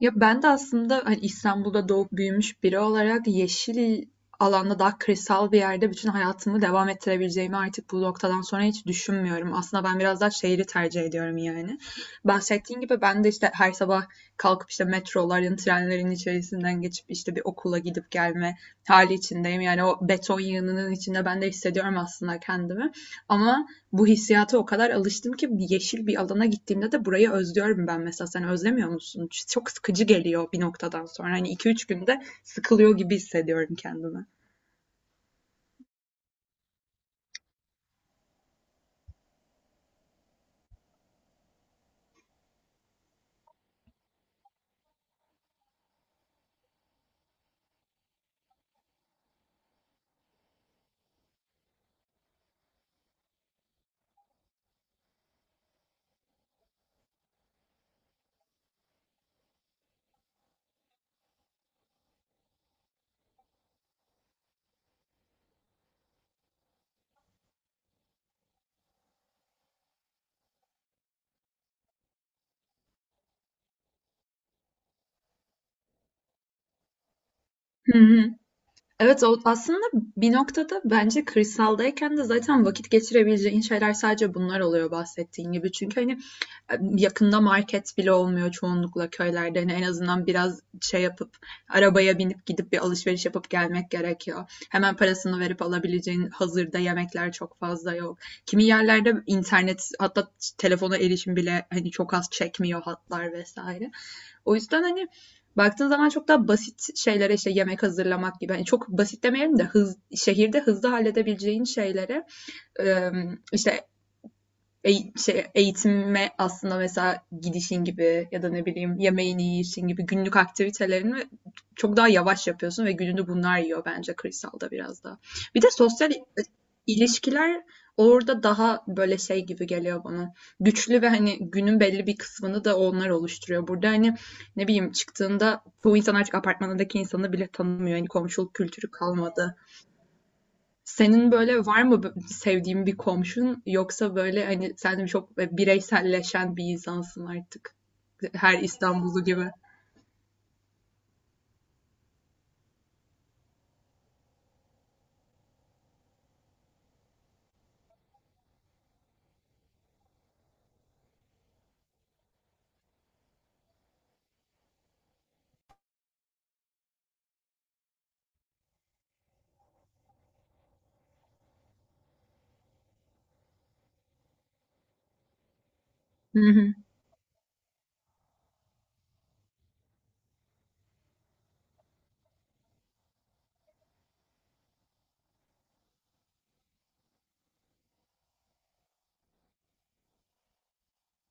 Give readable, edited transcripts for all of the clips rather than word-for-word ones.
Ya ben de aslında hani İstanbul'da doğup büyümüş biri olarak yeşil alanda daha kırsal bir yerde bütün hayatımı devam ettirebileceğimi artık bu noktadan sonra hiç düşünmüyorum. Aslında ben biraz daha şehri tercih ediyorum yani. Bahsettiğin gibi ben de işte her sabah kalkıp işte metroların, trenlerin içerisinden geçip işte bir okula gidip gelme hali içindeyim. Yani o beton yığınının içinde ben de hissediyorum aslında kendimi. Ama bu hissiyata o kadar alıştım ki yeşil bir alana gittiğimde de burayı özlüyorum ben mesela. Sen özlemiyor musun? Çok sıkıcı geliyor bir noktadan sonra. Hani iki üç günde sıkılıyor gibi hissediyorum kendimi. Hı hı. Evet, o aslında bir noktada bence kırsaldayken de zaten vakit geçirebileceğin şeyler sadece bunlar oluyor bahsettiğin gibi. Çünkü hani e, yakında market bile olmuyor çoğunlukla köylerde. Hani en azından biraz şey yapıp arabaya binip gidip bir alışveriş yapıp gelmek gerekiyor. Hemen parasını verip alabileceğin hazırda yemekler çok fazla yok. Kimi yerlerde internet, hatta telefona erişim bile hani çok az, çekmiyor hatlar vesaire. O yüzden hani baktığın zaman çok daha basit şeylere, işte yemek hazırlamak gibi. Hani çok basit demeyelim de hız, şehirde hızlı halledebileceğin şeylere, e, işte eğitime aslında mesela gidişin gibi ya da ne bileyim yemeğini yiyişin gibi günlük aktivitelerini çok daha yavaş yapıyorsun ve gününü bunlar yiyor bence kırsalda biraz daha. Bir de sosyal ilişkiler orada daha böyle şey gibi geliyor bana. Güçlü ve hani günün belli bir kısmını da onlar oluşturuyor. Burada hani ne bileyim, çıktığında bu insan artık apartmandaki insanı bile tanımıyor. Hani komşuluk kültürü kalmadı. Senin böyle var mı sevdiğin bir komşun, yoksa böyle, hani, sen çok bireyselleşen bir insansın artık her İstanbullu gibi? Hı hı.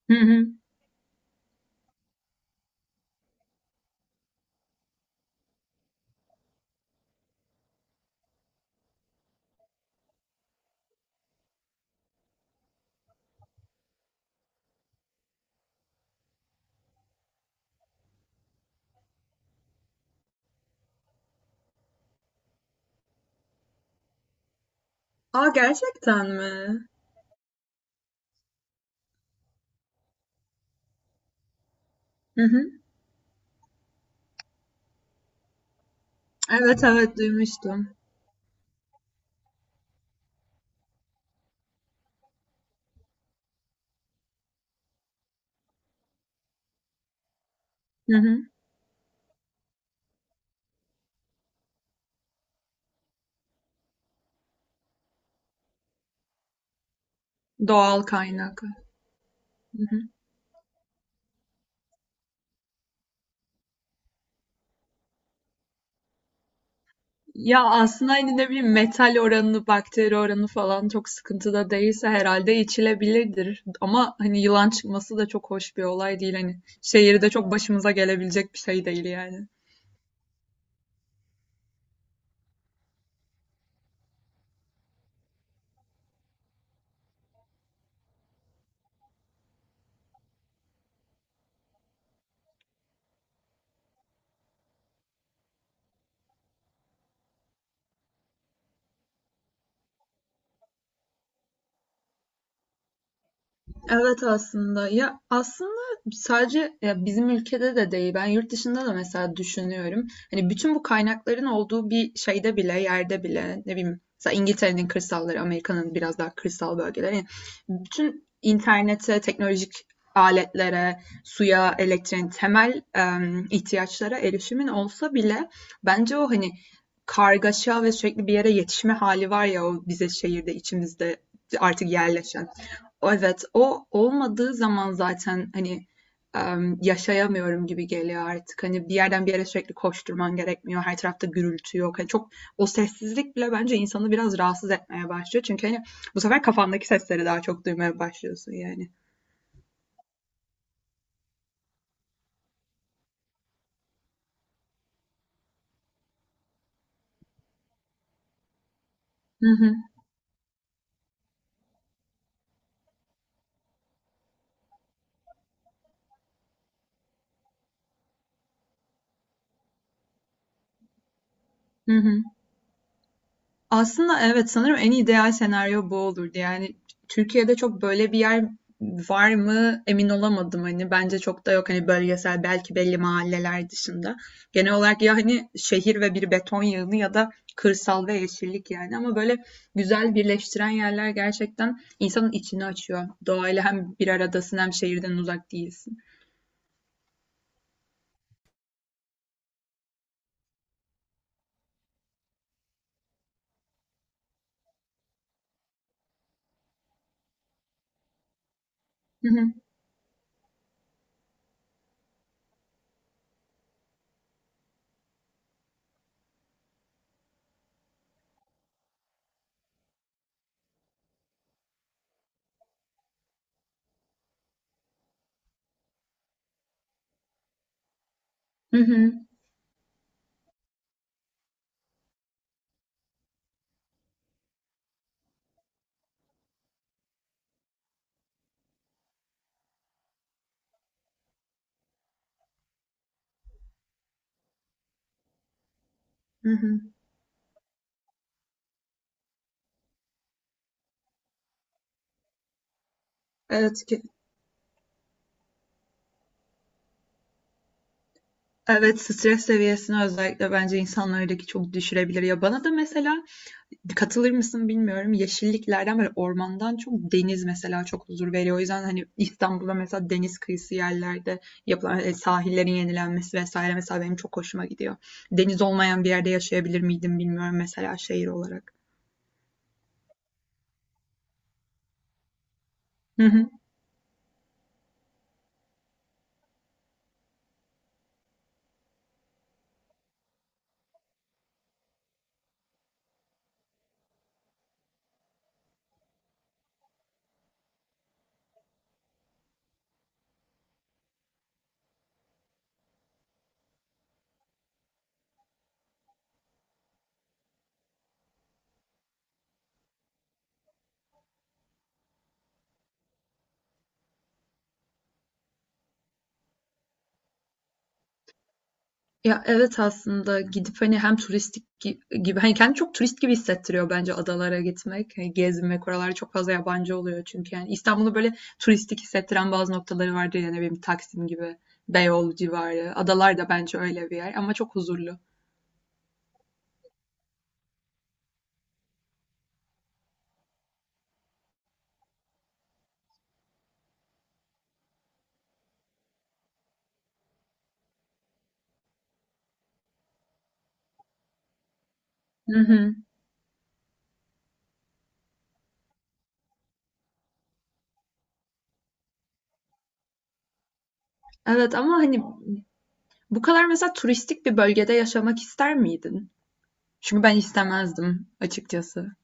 Hı hı. A, gerçekten mi? Hı hı. Evet, evet, duymuştum. Hı hı. Doğal kaynak. Ya, aslında, hani, ne bileyim, metal oranı, bakteri oranı falan çok sıkıntıda değilse herhalde içilebilirdir ama, hani, yılan çıkması da çok hoş bir olay değil. Hani, şehirde çok başımıza gelebilecek bir şey değil yani. Evet aslında, ya aslında sadece ya bizim ülkede de değil, ben yurt dışında da mesela düşünüyorum, hani bütün bu kaynakların olduğu bir şeyde bile, yerde bile, ne bileyim, mesela İngiltere'nin kırsalları, Amerika'nın biraz daha kırsal bölgeleri. Yani bütün internete, teknolojik aletlere, suya, elektriğin, temel ihtiyaçlara erişimin olsa bile bence o hani kargaşa ve sürekli bir yere yetişme hali var ya, o bize şehirde içimizde artık yerleşen, evet, o olmadığı zaman zaten, hani, yaşayamıyorum gibi geliyor artık. Hani, bir yerden bir yere sürekli koşturman gerekmiyor. Her tarafta gürültü yok. Hani, çok o sessizlik bile bence insanı biraz rahatsız etmeye başlıyor. Çünkü, hani, bu sefer kafandaki sesleri daha çok duymaya başlıyorsun yani. Hı hı. Hı hı. Aslında evet, sanırım en ideal senaryo bu olurdu. Yani Türkiye'de çok böyle bir yer var mı, emin olamadım. Hani bence çok da yok, hani bölgesel belki, belli mahalleler dışında. Genel olarak ya hani şehir ve bir beton yığını, ya da kırsal ve yeşillik yani. Ama böyle güzel birleştiren yerler gerçekten insanın içini açıyor. Doğayla hem bir aradasın hem şehirden uzak değilsin. Hı hı. Hı hı. Hı hı. Evet ki. Evet, stres seviyesini özellikle bence insanlardaki çok düşürebilir ya. Bana da mesela, katılır mısın bilmiyorum, yeşilliklerden, böyle, ormandan çok deniz mesela çok huzur veriyor. O yüzden, hani, İstanbul'da mesela deniz kıyısı yerlerde yapılan, sahillerin yenilenmesi vesaire mesela benim çok hoşuma gidiyor. Deniz olmayan bir yerde yaşayabilir miydim bilmiyorum mesela, şehir olarak. Hı hı. Ya, evet, aslında gidip, hani, hem turistik gibi, hani, kendini çok turist gibi hissettiriyor bence adalara gitmek, hani, gezmek. Oralarda çok fazla yabancı oluyor çünkü, yani. İstanbul'u böyle turistik hissettiren bazı noktaları vardır ya, ne bileyim, Taksim gibi, Beyoğlu civarı. Adalar da bence öyle bir yer ama çok huzurlu. Hı hı. Evet ama, hani, bu kadar mesela turistik bir bölgede yaşamak ister miydin? Çünkü ben istemezdim açıkçası.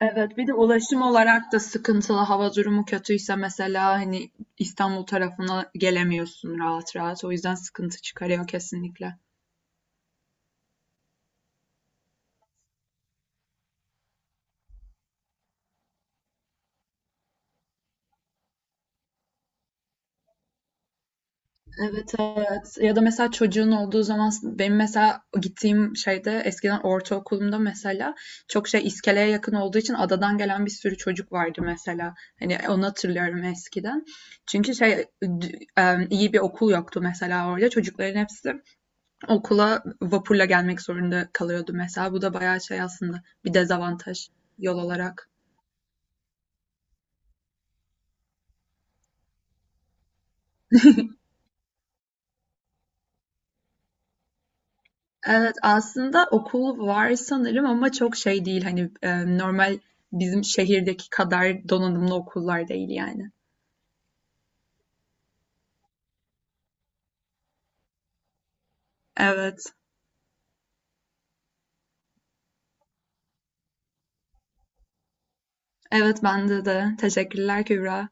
Evet, bir de ulaşım olarak da sıkıntılı. Hava durumu kötüyse mesela hani İstanbul tarafına gelemiyorsun rahat rahat. O yüzden sıkıntı çıkarıyor kesinlikle. Evet, evet. Ya da mesela çocuğun olduğu zaman, benim mesela gittiğim şeyde, eskiden ortaokulumda mesela, çok şey, iskeleye yakın olduğu için adadan gelen bir sürü çocuk vardı mesela. Hani onu hatırlıyorum eskiden. Çünkü şey, iyi bir okul yoktu mesela orada. Çocukların hepsi okula vapurla gelmek zorunda kalıyordu mesela. Bu da bayağı şey aslında, bir dezavantaj yol olarak. Evet aslında okul var sanırım ama çok şey değil hani, normal bizim şehirdeki kadar donanımlı okullar değil yani. Evet. Evet bende de. Teşekkürler Kübra.